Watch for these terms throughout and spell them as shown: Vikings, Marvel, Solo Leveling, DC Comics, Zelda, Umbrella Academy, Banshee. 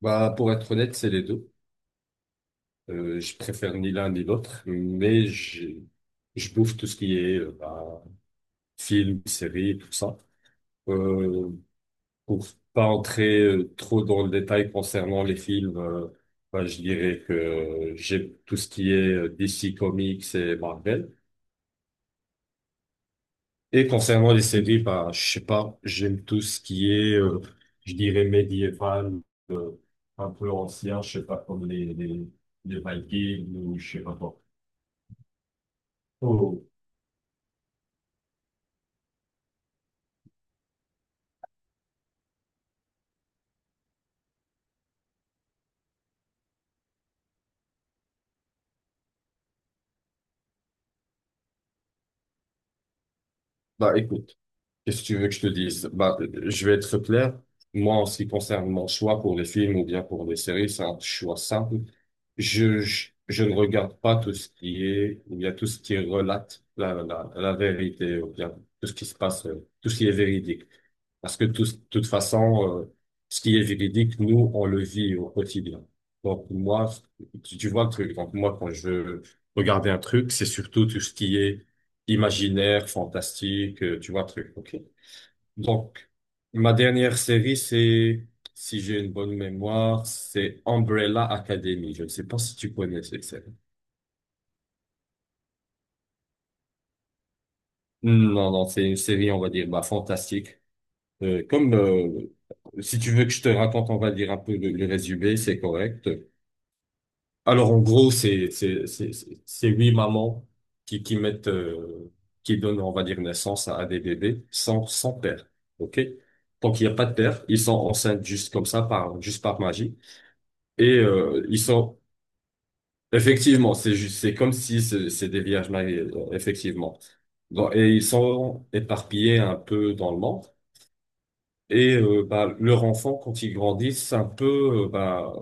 Bah, pour être honnête, c'est les deux. Je préfère ni l'un ni l'autre, mais je bouffe tout ce qui est bah, film, série, tout ça. Euh, pour pas entrer trop dans le détail concernant les films, bah, je dirais que j'aime tout ce qui est DC Comics et Marvel. Et concernant les séries, bah, je sais pas, j'aime tout ce qui est, je dirais médiéval, un peu ancien, je sais pas, comme les Vikings ou je sais pas quoi. Oh, bah écoute, qu'est-ce que tu veux que je te dise? Bah, je vais être clair. Moi, en ce qui concerne mon choix pour les films ou bien pour les séries, c'est un choix simple. Je ne regarde pas tout ce qui est, ou bien tout ce qui relate la vérité, ou bien tout ce qui se passe, tout ce qui est véridique. Parce que tout, de toute façon, ce qui est véridique, nous, on le vit au quotidien. Donc moi, tu vois le truc. Donc moi, quand je veux regarder un truc, c'est surtout tout ce qui est imaginaire, fantastique, tu vois, truc. OK. Donc, ma dernière série, c'est, si j'ai une bonne mémoire, c'est Umbrella Academy. Je ne sais pas si tu connais cette série. Non, non, c'est une série, on va dire, bah, fantastique. Euh, comme, euh, Si tu veux que je te raconte, on va dire un peu le résumé, c'est correct. Alors, en gros, c'est huit mamans qui mettent, qui donnent, on va dire, naissance à des bébés sans père. OK? Donc, il n'y a pas de père. Ils sont enceintes juste comme ça, par, juste par magie. Et, ils sont, effectivement, c'est juste, c'est comme si c'est des vierges mariées, effectivement. Donc, et ils sont éparpillés un peu dans le monde. Et, bah, leur enfant, quand ils grandissent, un peu, bah,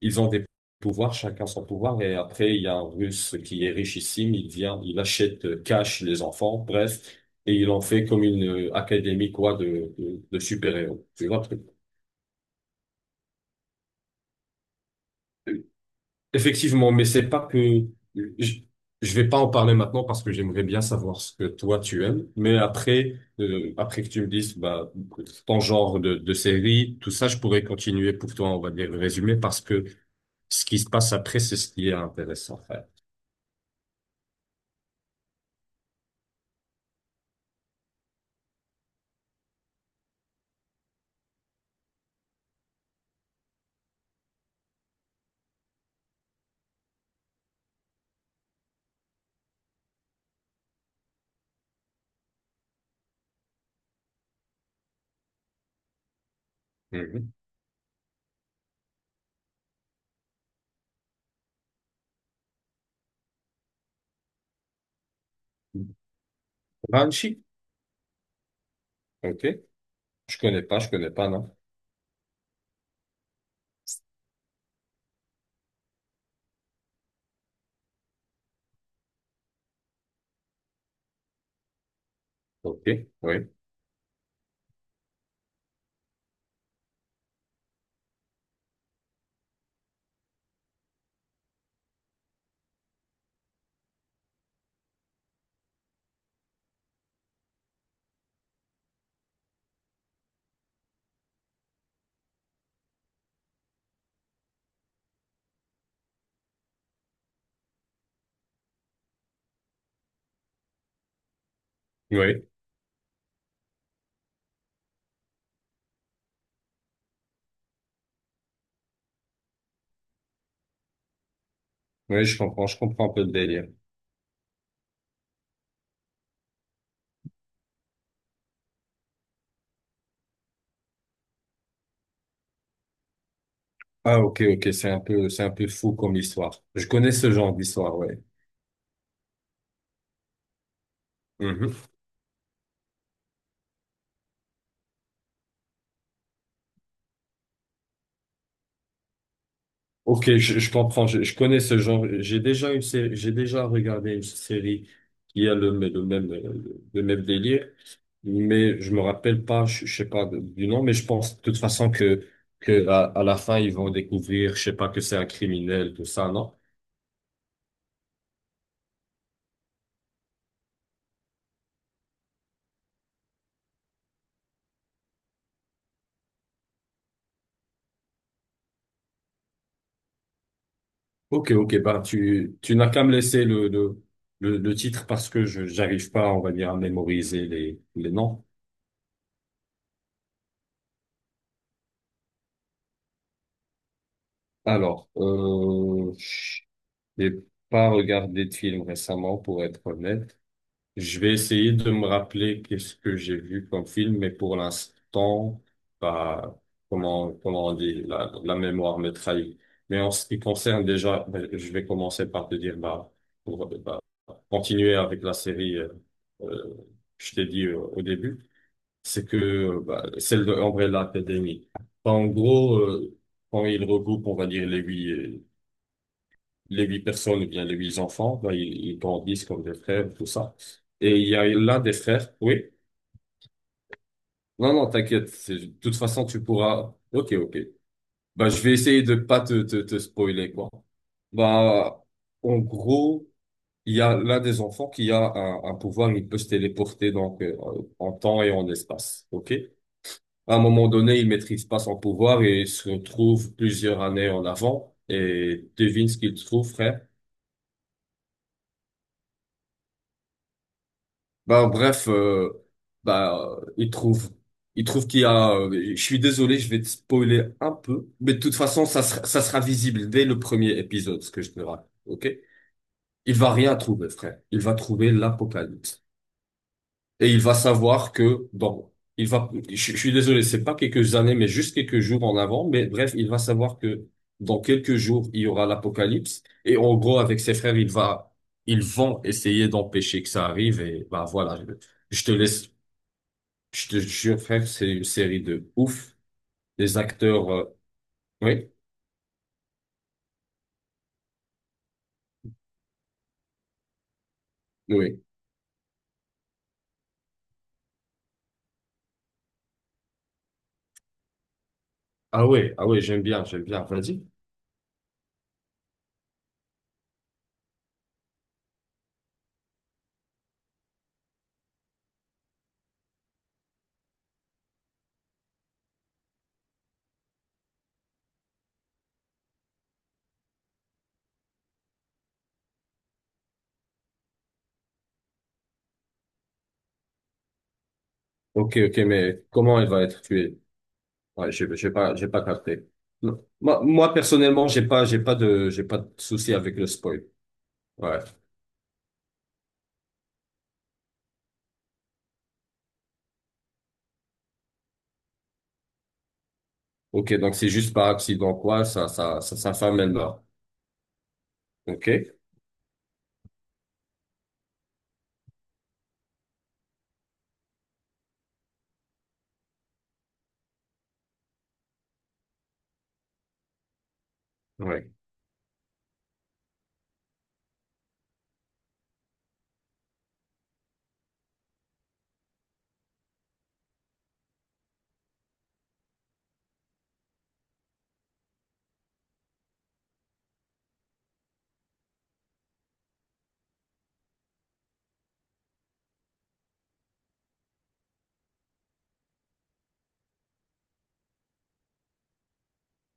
ils ont des pouvoirs, chacun son pouvoir. Et après, il y a un Russe qui est richissime. Il vient, il achète cash les enfants, bref. Et il en fait comme une académie, quoi, de super-héros. Tu vois le truc. Effectivement, mais c'est pas que... Je, je vais pas en parler maintenant parce que j'aimerais bien savoir ce que toi tu aimes. Mais après, après que tu me dises, bah, ton genre de série, tout ça, je pourrais continuer pour toi, on va dire, le résumé parce que ce qui se passe après, c'est ce qui est intéressant, frère. Mhm. Banshee. Ok. Je connais pas, non. Ok. Oui. Oui. Oui, je comprends un peu le délire. Ah, ok, ok, c'est un peu fou comme histoire. Je connais ce genre d'histoire, ouais. Mhm. Ok, je comprends, je connais ce genre. J'ai déjà une série, j'ai déjà regardé une série qui a le même délire, mais je me rappelle pas, je sais pas de- du nom, mais je pense de toute façon que à la fin ils vont découvrir, je sais pas que c'est un criminel, tout ça, non? Ok, ok, bah tu n'as qu'à me laisser le titre parce que je j'arrive pas, on va dire, à mémoriser les noms. Alors, j'ai pas regardé de film récemment, pour être honnête. Je vais essayer de me rappeler qu'est-ce que j'ai vu comme film, mais pour l'instant, bah, comment on dit, la mémoire me trahit. Mais en ce qui concerne déjà, bah, je vais commencer par te dire, bah, pour bah, continuer avec la série, euh, je t'ai dit au début, c'est que bah, celle de Umbrella Academy. Bah, en gros, quand ils regroupent, on va dire, les huit personnes, ou bien les huit enfants, ben, ils grandissent comme des frères, tout ça. Et il y a l'un des frères, oui. Non, non, t'inquiète. C'est- De toute façon, tu pourras. Ok, ok. Bah, je vais essayer de pas te spoiler, quoi. Bah, en gros, il y a l'un des enfants qui a un pouvoir, il peut se téléporter donc en temps et en espace. Ok? À un moment donné, il maîtrise pas son pouvoir et il se retrouve plusieurs années en avant. Et devine ce qu'il trouve, frère. Bah, bref, bah, il trouve qu'il y a, je suis désolé, je vais te spoiler un peu, mais de toute façon, ça sera visible dès le premier épisode, ce que je te raconte, ok? Il va rien trouver, frère. Il va trouver l'apocalypse. Et il va savoir que, bon, il va, je suis désolé, c'est pas quelques années, mais juste quelques jours en avant, mais bref, il va savoir que dans quelques jours, il y aura l'apocalypse. Et en gros, avec ses frères, il va, ils vont essayer d'empêcher que ça arrive, et bah, voilà. Je te laisse, je te jure, frère, c'est une série de ouf. Les acteurs, oui, oui. Ah ouais, ah ouais, j'aime bien, j'aime bien. Vas-y. Ok, ok, mais comment elle va être tuée? Ouais, j'ai pas capté. Non. Moi, personnellement, j'ai pas de souci avec le spoil. Ouais. Ok, donc c'est juste par accident, quoi. Ça, sa femme, elle meurt. Ok. Ouais.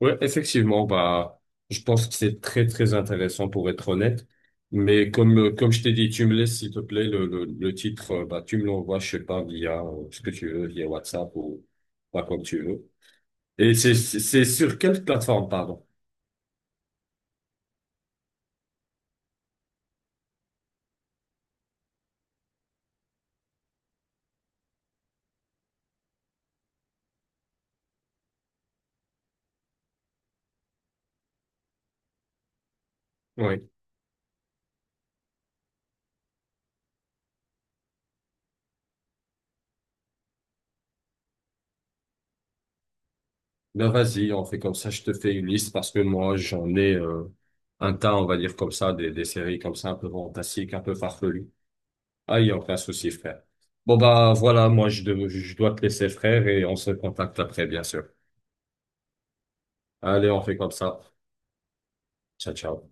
Ouais, effectivement, bah, je pense que c'est très, très intéressant pour être honnête. Mais comme je t'ai dit, tu me laisses, s'il te plaît, le titre, bah, tu me l'envoies, je sais pas, via ce que tu veux, via WhatsApp ou pas comme tu veux. Et c'est sur quelle plateforme, pardon? Oui. Ben, vas-y, on fait comme ça, je te fais une liste parce que moi, j'en ai, un tas, on va dire comme ça, des séries comme ça, un peu fantastiques, un peu farfelues. Ah, il n'y a aucun souci, frère. Bon, bah voilà, moi, je, dev- je dois te laisser, frère, et on se contacte après, bien sûr. Allez, on fait comme ça. Ciao, ciao.